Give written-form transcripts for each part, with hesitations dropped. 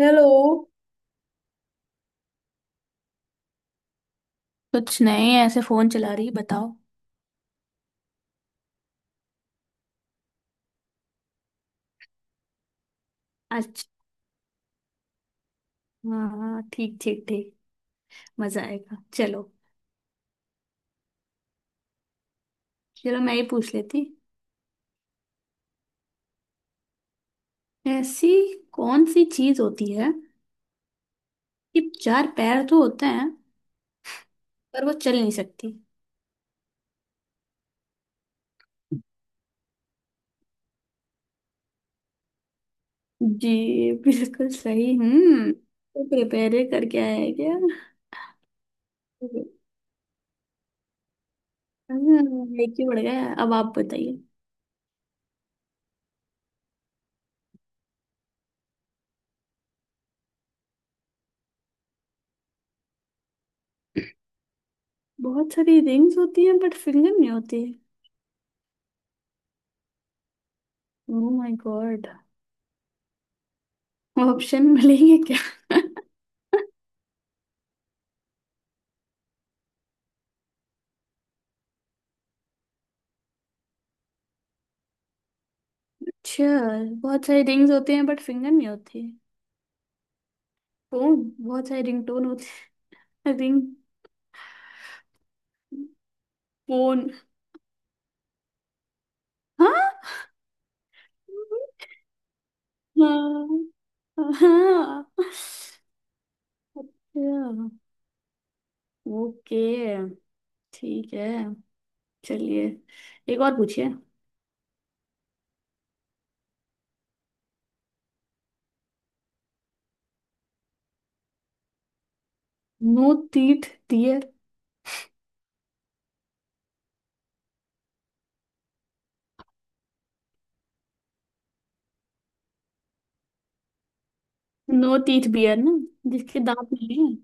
Hello. कुछ नहीं ऐसे फोन चला रही बताओ। अच्छा। हाँ ठीक ठीक ठीक। मजा आएगा चलो। चलो मैं ये पूछ लेती। ऐसी कौन सी चीज होती है कि चार पैर तो होते हैं पर वो चल नहीं सकती। जी। बिल्कुल सही। हम्म, तो प्रिपेयर करके आया क्या। लेके बढ़ गया है। अब आप बताइए। बहुत सारी रिंग्स होती हैं बट फिंगर नहीं होती। Oh my God. ऑप्शन मिलेंगे क्या अच्छा। बहुत सारे रिंग्स होते हैं बट फिंगर नहीं होती। फोन बहुत सारे रिंग टोन होते हैं रिंग। फोन। हाँ। हाँ। हाँ। अच्छा। ओके। ठीक है। चलिए एक और पूछिए। No teeth dear. No teeth bear ना। जिसके दांत नहीं है।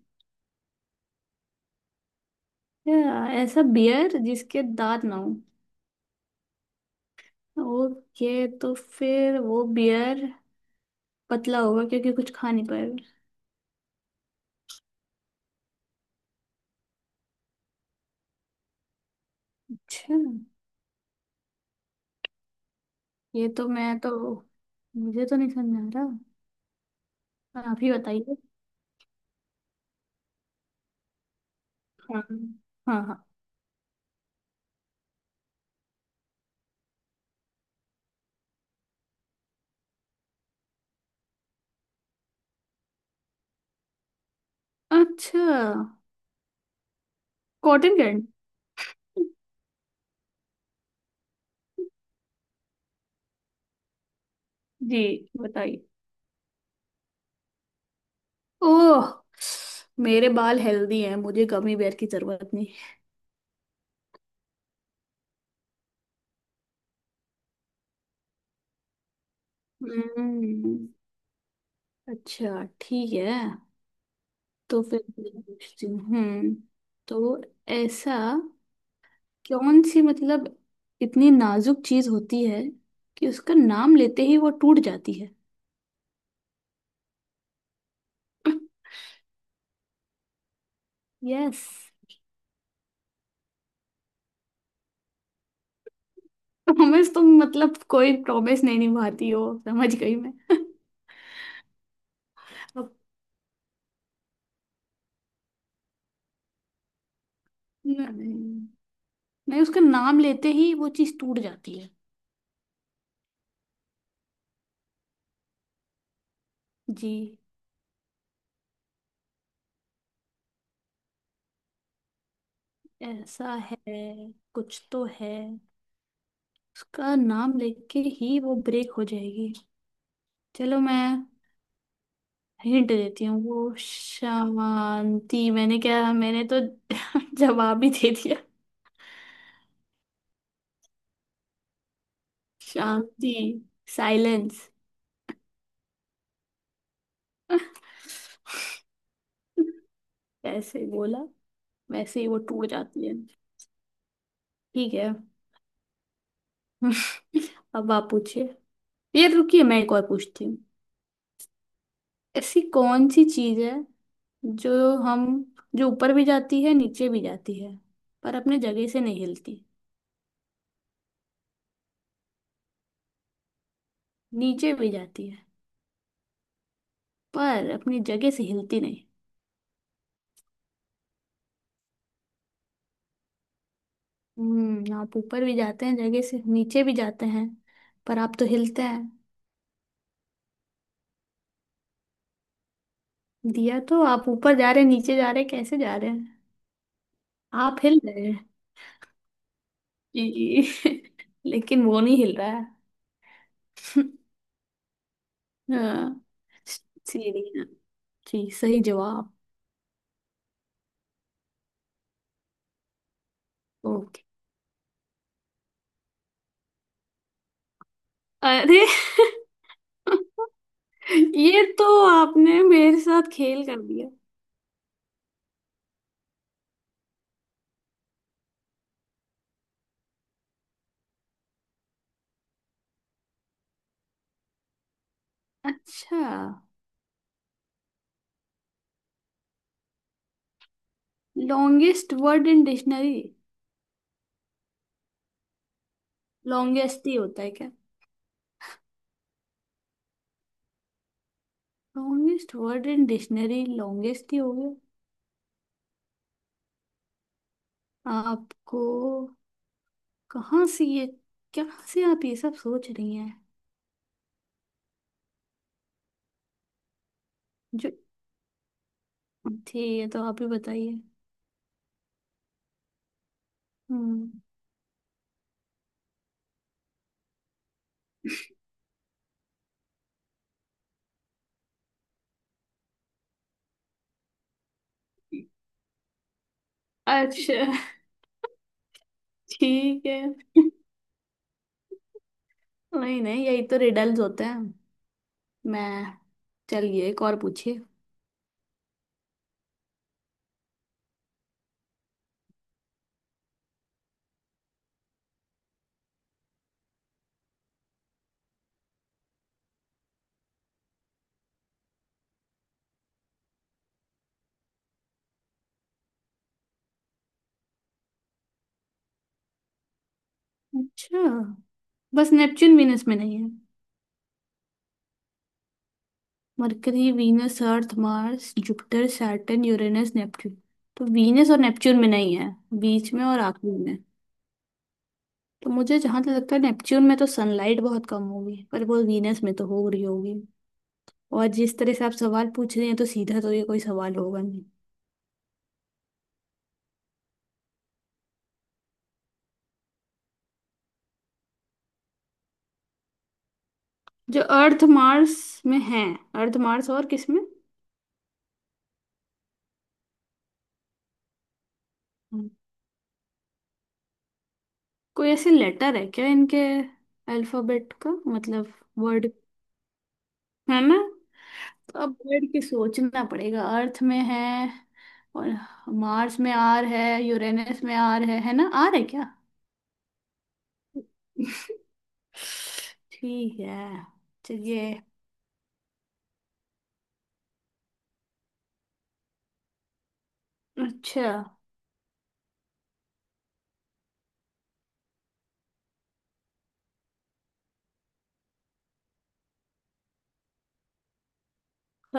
क्या ऐसा बियर जिसके दांत ना हो। ओके तो फिर वो बियर पतला होगा क्योंकि कुछ खा नहीं पाएगा। अच्छा। ये तो मैं तो मुझे तो नहीं समझ आ रहा। हाँ, आप ही बताइए। हाँ। हाँ। हाँ। अच्छा। Cotton canned. जी बताइए। ओह। मेरे बाल हेल्दी हैं मुझे गमी बेर की जरूरत नहीं। हम्म। अच्छा ठीक है। तो फिर मैं पूछती हूँ। हम्म, तो ऐसा कौन सी मतलब इतनी नाजुक चीज होती है कि उसका नाम लेते ही वो टूट जाती है यस। प्रॉमिस तुम मतलब कोई प्रॉमिस नहीं निभाती हो समझ गई मैं अब नहीं, नहीं उसका नाम लेते ही वो चीज टूट जाती है। जी। ऐसा है। कुछ तो है। उसका नाम लेके ही वो ब्रेक हो जाएगी। चलो मैं हिंट देती हूँ वो शांति। मैंने क्या, मैंने तो जवाब ही दे दिया। शांति। साइलेंस। ऐसे बोला वैसे ही वो टूट जाती है। ठीक है अब आप पूछिए। ये रुकिए मैं एक और पूछती हूँ। ऐसी कौन सी चीज है जो हम, जो ऊपर भी जाती है नीचे भी जाती है पर अपने जगह से नहीं हिलती। नीचे भी जाती है पर अपनी जगह से हिलती नहीं। हम्म, आप ऊपर भी जाते हैं जगह से नीचे भी जाते हैं पर आप तो हिलते हैं। दिया तो। आप ऊपर जा रहे हैं नीचे जा रहे हैं कैसे जा रहे हैं, आप हिल रहे हैं। जी। लेकिन वो नहीं हिल रहा है। हाँ। सीढ़ी। जी सही जवाब। ओके। अरे ये तो आपने मेरे साथ खेल कर दिया। अच्छा। Longest word in dictionary longest ही होता है क्या। Longest word in dictionary longest ही हो गया। आपको कहाँ से ये क्या से आप ये सब सोच रही हैं। जो, ठीक है तो आप ही बताइए। हम्म। अच्छा ठीक है। नहीं नहीं यही तो रिडल्स होते हैं। मैं, चलिए एक और पूछिए। अच्छा। बस नेपच्यून वीनस में नहीं है। Mercury Venus Earth Mars Jupiter Saturn Uranus Neptune, तो वीनस और नेपच्यून में नहीं है। बीच में और आखिरी में। तो मुझे जहां तक लगता है नेपच्यून में तो सनलाइट बहुत कम होगी पर वो वीनस में तो हो रही होगी। और जिस तरह से आप सवाल पूछ रहे हैं तो सीधा तो ये कोई सवाल होगा नहीं। जो अर्थ मार्स में है। अर्थ मार्स और किस में। कोई ऐसे लेटर है क्या इनके अल्फाबेट का मतलब वर्ड, है ना। अब बैठ के सोचना पड़ेगा। अर्थ में है और मार्स में आर है यूरेनस में आर है ना आर है क्या। ठीक है। चलिए। अच्छा।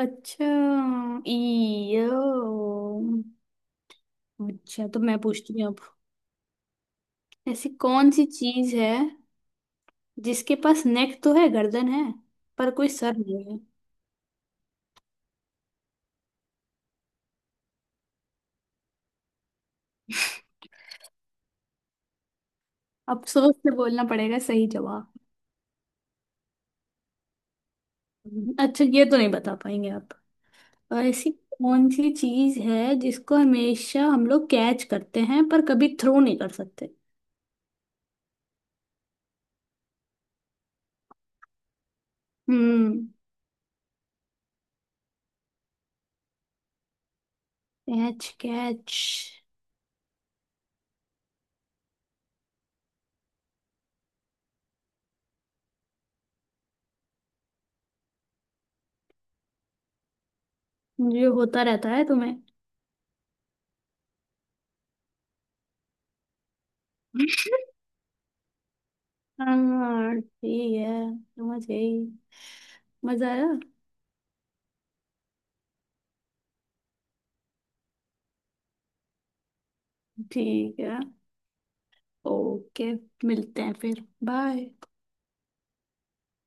अच्छा ई। अच्छा तो मैं पूछती हूँ अब। ऐसी कौन सी चीज है जिसके पास नेक तो है गर्दन है पर कोई सर नहीं है। अब सोच के बोलना पड़ेगा सही जवाब। अच्छा ये तो नहीं बता पाएंगे आप। और ऐसी कौन सी चीज है जिसको हमेशा हम लोग कैच करते हैं पर कभी थ्रो नहीं कर सकते। हम्म। कैच कैच जो होता रहता है तुम्हें। हाँ ठीक है समझ गई। मजा आया। ठीक है। ओके। मिलते हैं फिर। बाय।